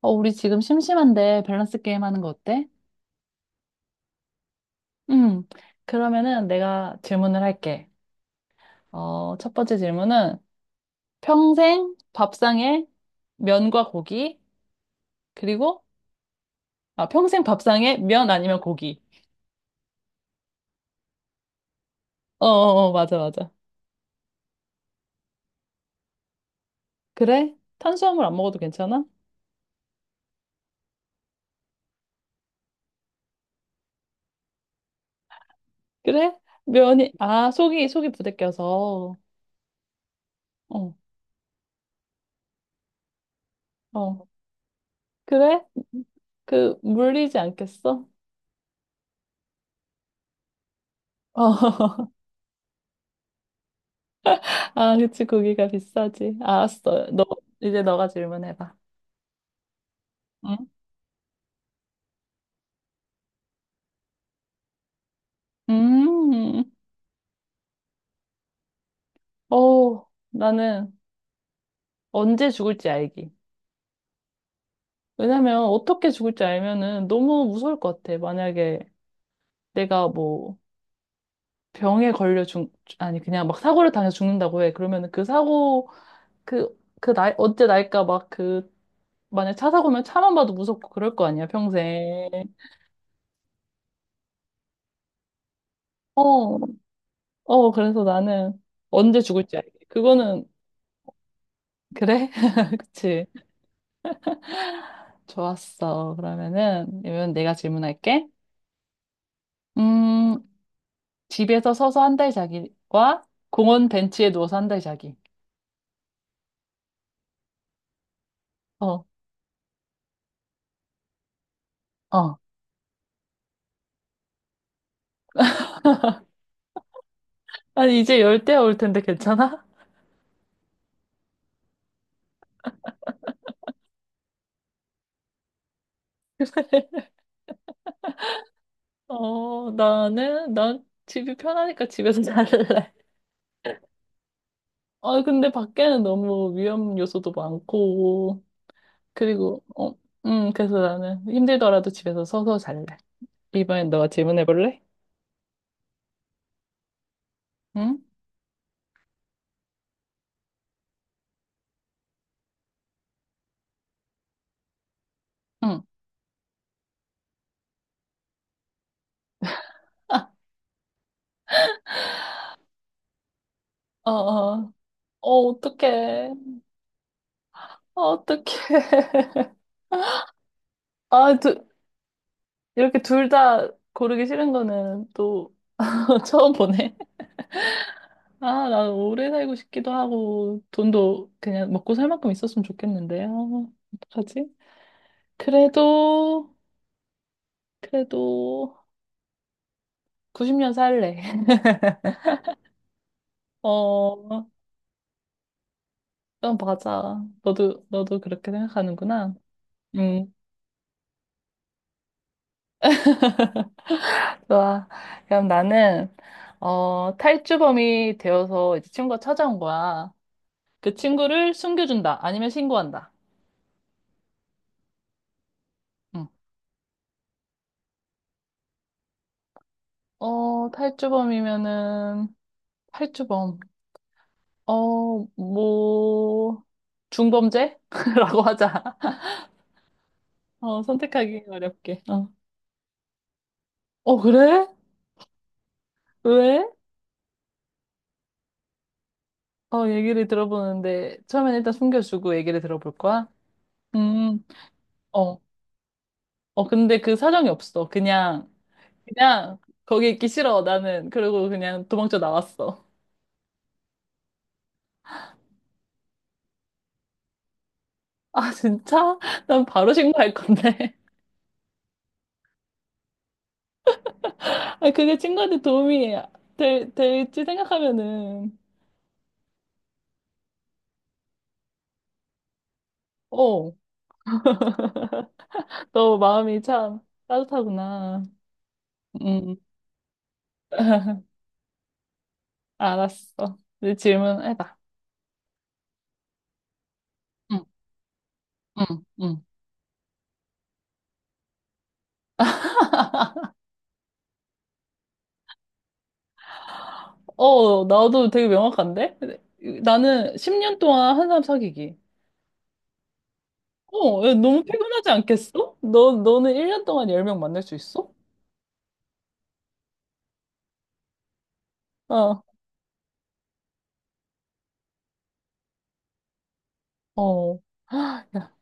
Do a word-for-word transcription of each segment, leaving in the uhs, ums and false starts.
어, 우리 지금 심심한데 밸런스 게임 하는 거 어때? 음, 그러면은 내가 질문을 할게. 어, 첫 번째 질문은 평생 밥상에 면과 고기, 그리고, 아, 평생 밥상에 면 아니면 고기. 어, 어, 어, 맞아, 맞아. 그래? 탄수화물 안 먹어도 괜찮아? 그래? 면이, 아, 속이, 속이 부대껴서. 어, 어. 그래? 그, 물리지 않겠어? 어. 아, 그치, 고기가 비싸지. 알았어. 너, 이제 너가 질문해봐. 응? 음, 어, 나는 언제 죽을지 알기. 왜냐면 어떻게 죽을지 알면은 너무 무서울 것 같아. 만약에 내가 뭐 병에 걸려 죽, 아니, 그냥 막 사고를 당해서 죽는다고 해. 그러면은 그 사고, 그, 그 날, 언제 날까 막 그, 만약 차 사고면 차만 봐도 무섭고 그럴 거 아니야, 평생. 어, 어, 그래서 나는 언제 죽을지 알기. 그거는, 그래? 그치. 좋았어. 그러면은, 이번 내가 질문할게. 음, 집에서 서서 한달 자기와 공원 벤치에 누워서 한 달 자기. 어, 어. 아니, 이제 열대 올 텐데 괜찮아? 어, 나는, 난 집이 편하니까 집에서 잘래. 아, 근데 밖에는 너무 위험 요소도 많고, 그리고, 어, 음, 그래서 나는 힘들더라도 집에서 서서 잘래. 이번엔 너가 질문해 볼래? 응? 응. 아, 어, 어. 어, 어떡해. 어, 어떡해. 아, 두, 이렇게 둘 다 고르기 싫은 거는 또 처음 보네. 아, 나 오래 살고 싶기도 하고, 돈도 그냥 먹고 살 만큼 있었으면 좋겠는데. 아, 어떡하지? 그래도, 그래도 구십 년 살래. 어, 그럼 맞아. 너도, 너도 그렇게 생각하는구나. 음, 좋아. 그럼 나는, 어, 탈주범이 되어서 이제 친구가 찾아온 거야. 그 친구를 숨겨준다. 아니면 신고한다. 응. 어, 탈주범이면은, 탈주범. 어, 뭐, 중범죄? 라고 하자. 어, 선택하기 어렵게. 어. 어, 그래? 왜? 어, 얘기를 들어보는데, 처음엔 일단 숨겨주고 얘기를 들어볼 거야? 음, 어. 어, 근데 그 사정이 없어. 그냥, 그냥, 거기 있기 싫어, 나는. 그리고 그냥 도망쳐 나왔어. 아, 진짜? 난 바로 신고할 건데. 아, 그게 친구한테 도움이 될, 될지 생각하면은. 어. 너 마음이 참 따뜻하구나. 음, 알았어. 이제 질문해봐. 응, 응, 응. 어, 나도 되게 명확한데? 나는 십 년 동안 한 사람 사귀기. 어, 야, 너무 피곤하지 않겠어? 너, 너는 일 년 동안 열 명 만날 수 있어? 어, 어. 아, 야,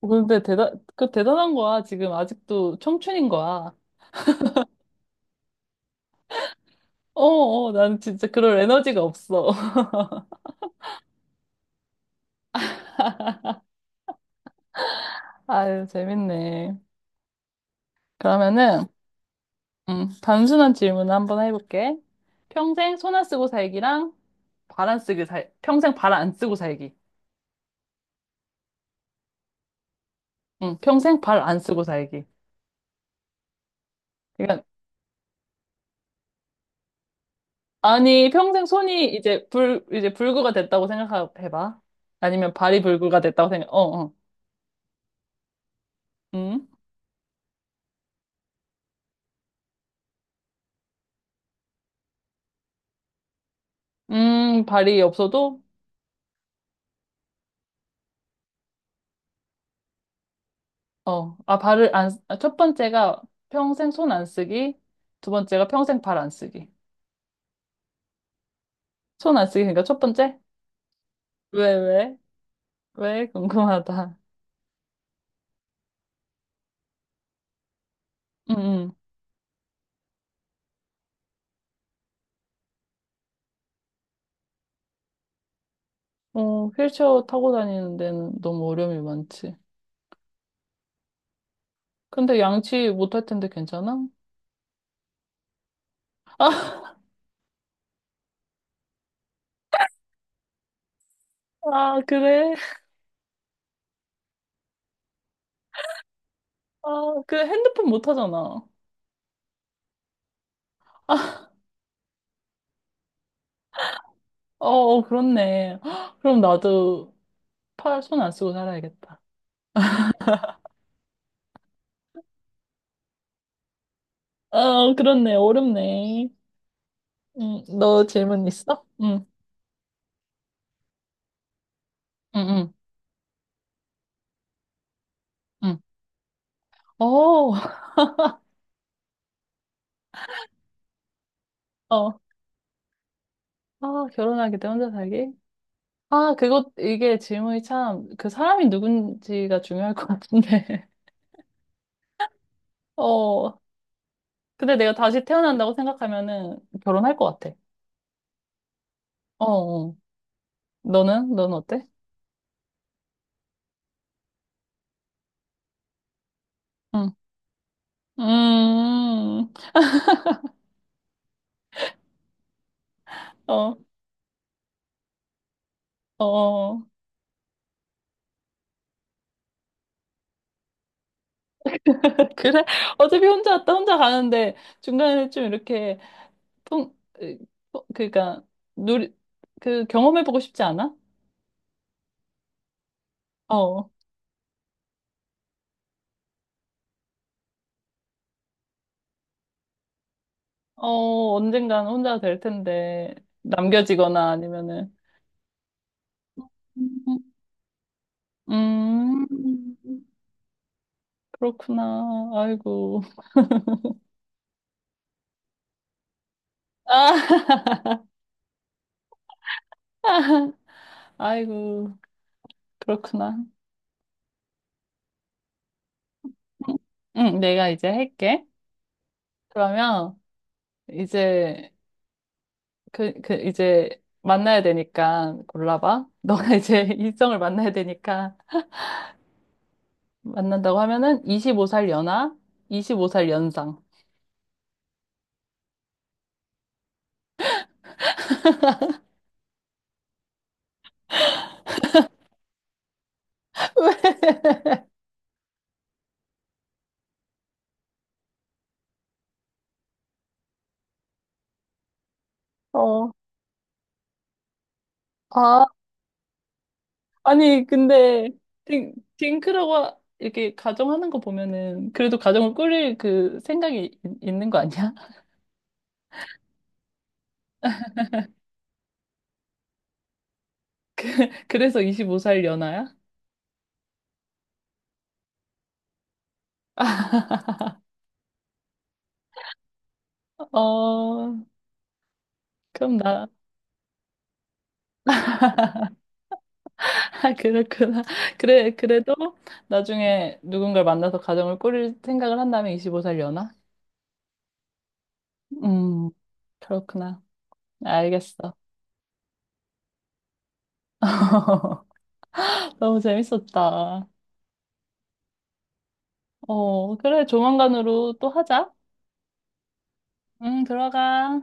근데 대단, 그 대단한 거야. 지금 아직도 청춘인 거야. 어, 어, 나는 진짜 그럴 에너지가 없어. 아유, 재밌네. 그러면은, 음, 단순한 질문을 한번 해볼게. 평생 손 안 쓰고 살기랑 발 안 쓰기 살, 평생 발 안 쓰고 살기. 응, 평생 발 안 쓰고 살기. 그러니까, 아니, 평생 손이 이제 불, 이제 불구가 됐다고 생각해봐. 아니면 발이 불구가 됐다고 생각, 어, 어. 음, 음, 발이 없어도, 어, 아, 발을 안, 쓰- 아, 첫 번째가 평생 손 안 쓰기. 두 번째가 평생 발 안 쓰기. 손 안 쓰기, 그러니까 첫 번째? 왜, 왜? 왜? 궁금하다. 응, 응. 어, 휠체어 타고 다니는 데는 너무 어려움이 많지. 근데 양치 못할 텐데 괜찮아? 아, 아, 그래? 아, 그 핸드폰 못 하잖아. 어, 어, 그렇네. 헉, 그럼 나도 팔, 손 안 쓰고 살아야겠다. 어, 그렇네. 어렵네. 응, 너 질문 있어? 응, 응, 응, 응. 어, 어. 아, 결혼하기 때 혼자 살기? 아, 그것, 이게 질문이 참, 그 사람이 누군지가 중요할 것 같은데. 어, 근데 내가 다시 태어난다고 생각하면은 결혼할 것 같아. 어, 어. 너는? 너는 어때? 응. 음, 어, 어. 그래? 어차피 혼자 왔다 혼자 가는데 중간에 좀 이렇게 통, 으, 어, 그러니까 누리, 그 경험해보고 싶지 않아? 어, 어, 언젠간 혼자 될 텐데 남겨지거나 아니면은. 음, 음, 그렇구나. 아이고. 아, 아이고. 그렇구나. 응, 내가 이제 할게. 그러면 이제 그, 그 이제 만나야 되니까 골라봐. 너가 이제 일정을 만나야 되니까 만난다고 하면은 스물다섯 살 연하, 스물다섯 살 연상. 어. 아, 아니 근데 딩, 딩크라고 하- 이렇게 가정하는 거 보면은 그래도 가정을 꾸릴 그 생각이 있- 있는 거 아니야? 그래서 스물다섯 살 연하야? 어, 그럼 나 아, 그렇구나. 그래, 그래도 나중에 누군가를 만나서 가정을 꾸릴 생각을 한다면 스물다섯 살 연하 음, 그렇구나. 알겠어. 너무 재밌었다. 어, 그래, 조만간으로 또 하자. 응, 들어가.